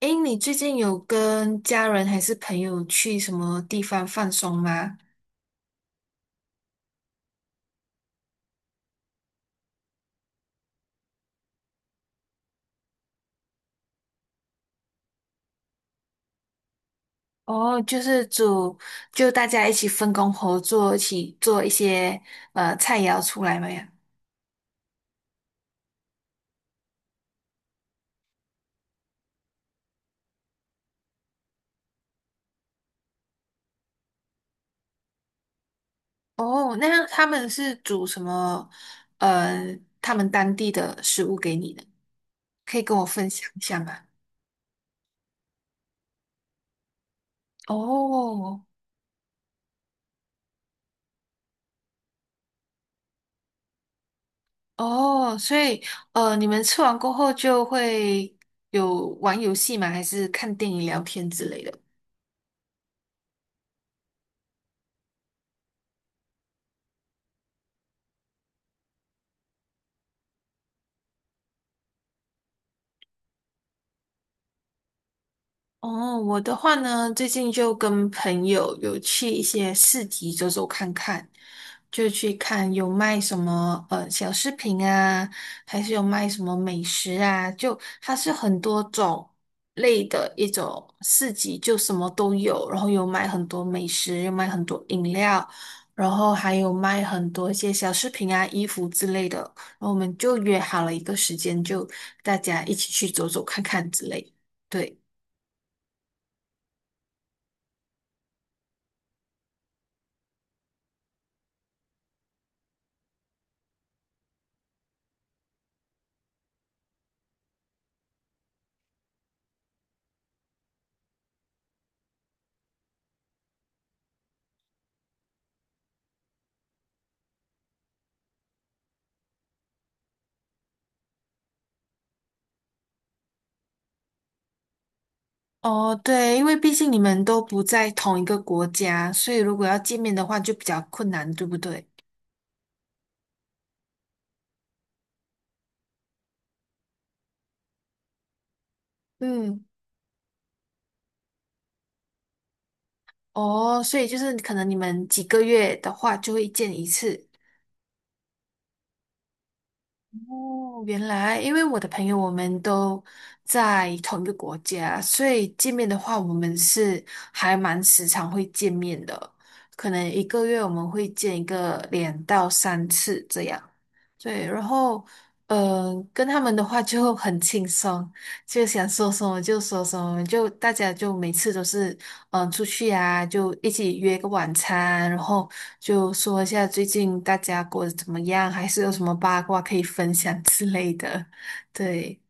诶，你最近有跟家人还是朋友去什么地方放松吗？哦，就是煮，就大家一起分工合作，一起做一些菜肴出来嘛呀。哦，那他们是煮什么？他们当地的食物给你的，可以跟我分享一下吗？哦哦，所以你们吃完过后就会有玩游戏吗？还是看电影、聊天之类的？哦，我的话呢，最近就跟朋友有去一些市集走走看看，就去看有卖什么小饰品啊，还是有卖什么美食啊，就它是很多种类的一种市集，就什么都有，然后有卖很多美食，有卖很多饮料，然后还有卖很多一些小饰品啊、衣服之类的，然后我们就约好了一个时间，就大家一起去走走看看之类，对。哦，对，因为毕竟你们都不在同一个国家，所以如果要见面的话就比较困难，对不对？嗯，哦，所以就是可能你们几个月的话就会见一次。哦，原来因为我的朋友我们都在同一个国家，所以见面的话我们是还蛮时常会见面的，可能一个月我们会见一个两到三次这样。对，然后跟他们的话就很轻松，就想说什么就说什么，就大家就每次都是出去啊，就一起约个晚餐，然后就说一下最近大家过得怎么样，还是有什么八卦可以分享之类的。对，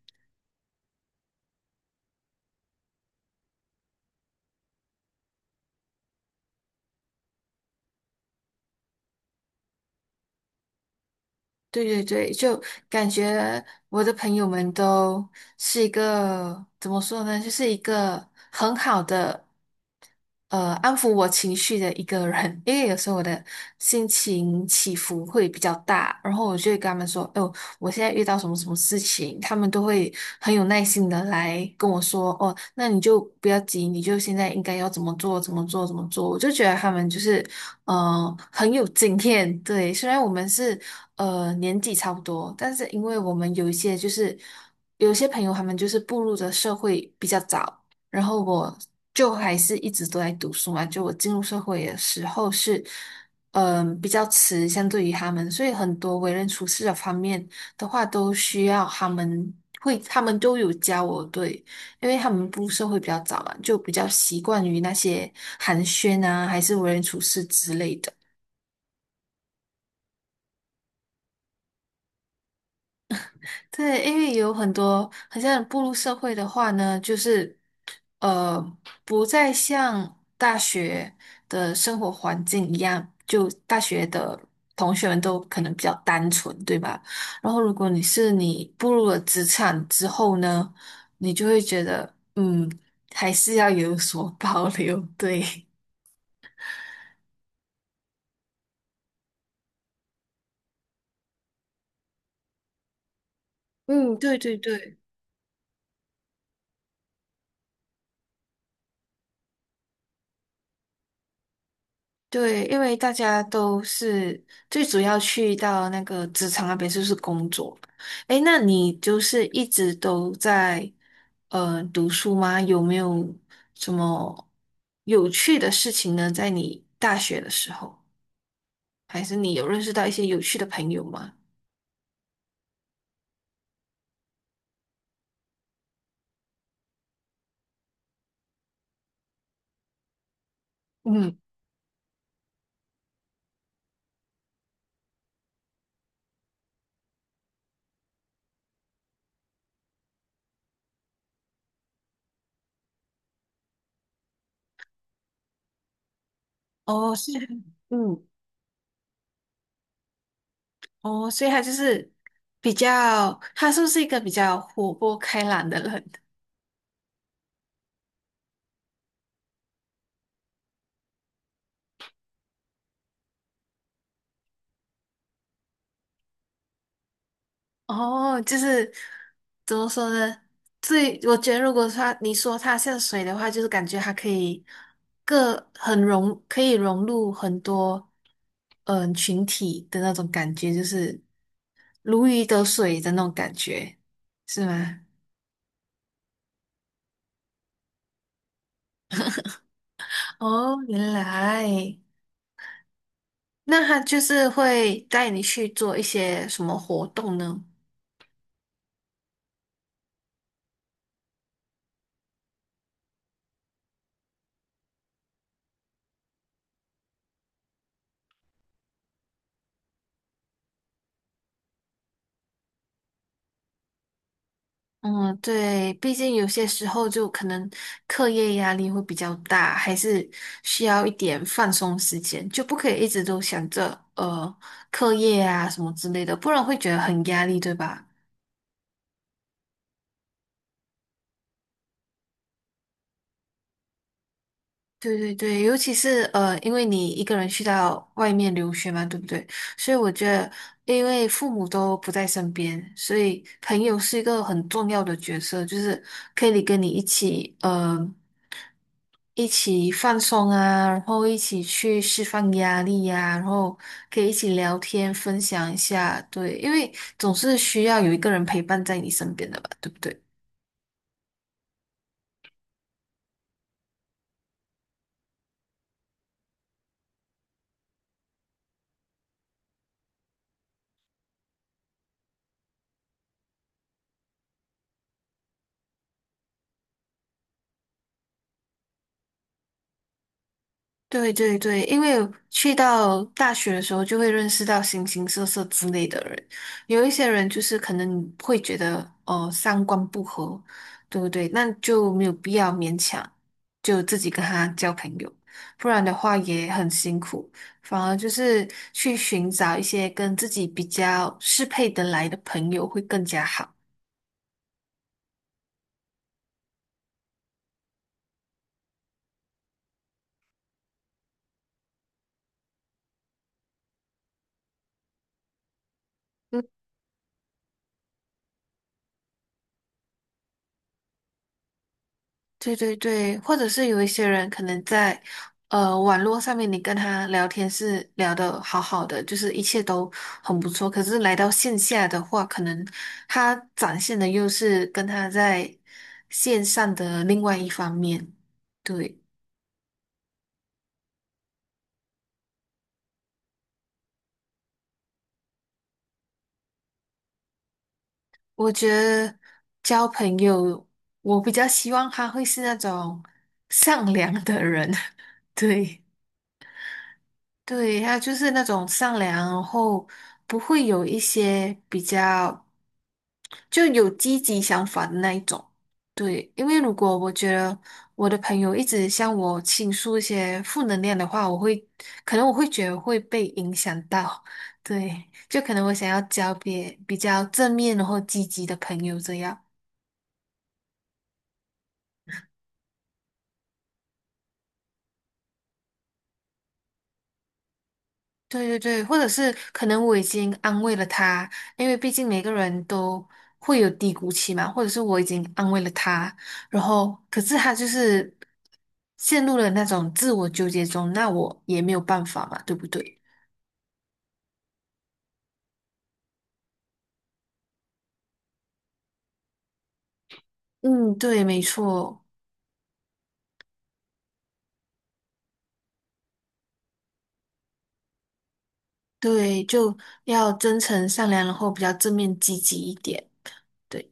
对对对，就感觉我的朋友们都是一个，怎么说呢，就是一个很好的。安抚我情绪的一个人，因为有时候我的心情起伏会比较大，然后我就会跟他们说，哦，我现在遇到什么什么事情，他们都会很有耐心的来跟我说，哦，那你就不要急，你就现在应该要怎么做，怎么做，怎么做。我就觉得他们就是，很有经验。对，虽然我们是年纪差不多，但是因为我们有一些就是有一些朋友他们就是步入的社会比较早，然后我就还是一直都在读书嘛，就我进入社会的时候是。嗯，比较迟，相对于他们，所以很多为人处事的方面的话，都需要他们会，他们都有教我，对，因为他们步入社会比较早嘛，就比较习惯于那些寒暄啊，还是为人处事之类的。对，因为有很多，很像步入社会的话呢，就是呃，不再像大学的生活环境一样，就大学的同学们都可能比较单纯，对吧？然后，如果你是你步入了职场之后呢，你就会觉得，嗯，还是要有所 保留，对。嗯，对对对。对，因为大家都是最主要去到那个职场那边就是工作。诶，那你就是一直都在读书吗？有没有什么有趣的事情呢？在你大学的时候，还是你有认识到一些有趣的朋友吗？嗯，哦，是，嗯，哦，所以他就是比较，他是不是一个比较活泼开朗的人？哦，就是怎么说呢？最我觉得，如果它你说它像水的话，就是感觉它可以各很融，可以融入很多群体的那种感觉，就是如鱼得水的那种感觉，是吗？哦，原来那它就是会带你去做一些什么活动呢？嗯，对，毕竟有些时候就可能课业压力会比较大，还是需要一点放松时间，就不可以一直都想着课业啊什么之类的，不然会觉得很压力，对吧？对对对，尤其是因为你一个人去到外面留学嘛，对不对？所以我觉得，因为父母都不在身边，所以朋友是一个很重要的角色，就是可以跟你一起，一起放松啊，然后一起去释放压力呀、然后可以一起聊天，分享一下，对，因为总是需要有一个人陪伴在你身边的吧，对不对？对对对，因为去到大学的时候，就会认识到形形色色之类的人。有一些人就是可能你会觉得，哦，三观不合，对不对？那就没有必要勉强，就自己跟他交朋友，不然的话也很辛苦。反而就是去寻找一些跟自己比较适配得来的朋友会更加好。对对对，或者是有一些人可能在网络上面，你跟他聊天是聊得好好的，就是一切都很不错。可是来到线下的话，可能他展现的又是跟他在线上的另外一方面。对，我觉得交朋友，我比较希望他会是那种善良的人。对。对，他就是那种善良，然后不会有一些比较。就有积极想法的那一种。对，因为如果我觉得我的朋友一直向我倾诉一些负能量的话，我会可能我会觉得会被影响到。对，就可能我想要交别比较正面或积极的朋友这样。对对对，或者是可能我已经安慰了他，因为毕竟每个人都会有低谷期嘛，或者是我已经安慰了他，然后可是他就是陷入了那种自我纠结中，那我也没有办法嘛，对不对？嗯，对，没错，对，就要真诚善良，然后比较正面积极一点。对，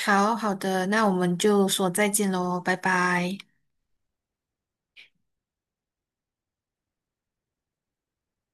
好好的，那我们就说再见喽，拜拜。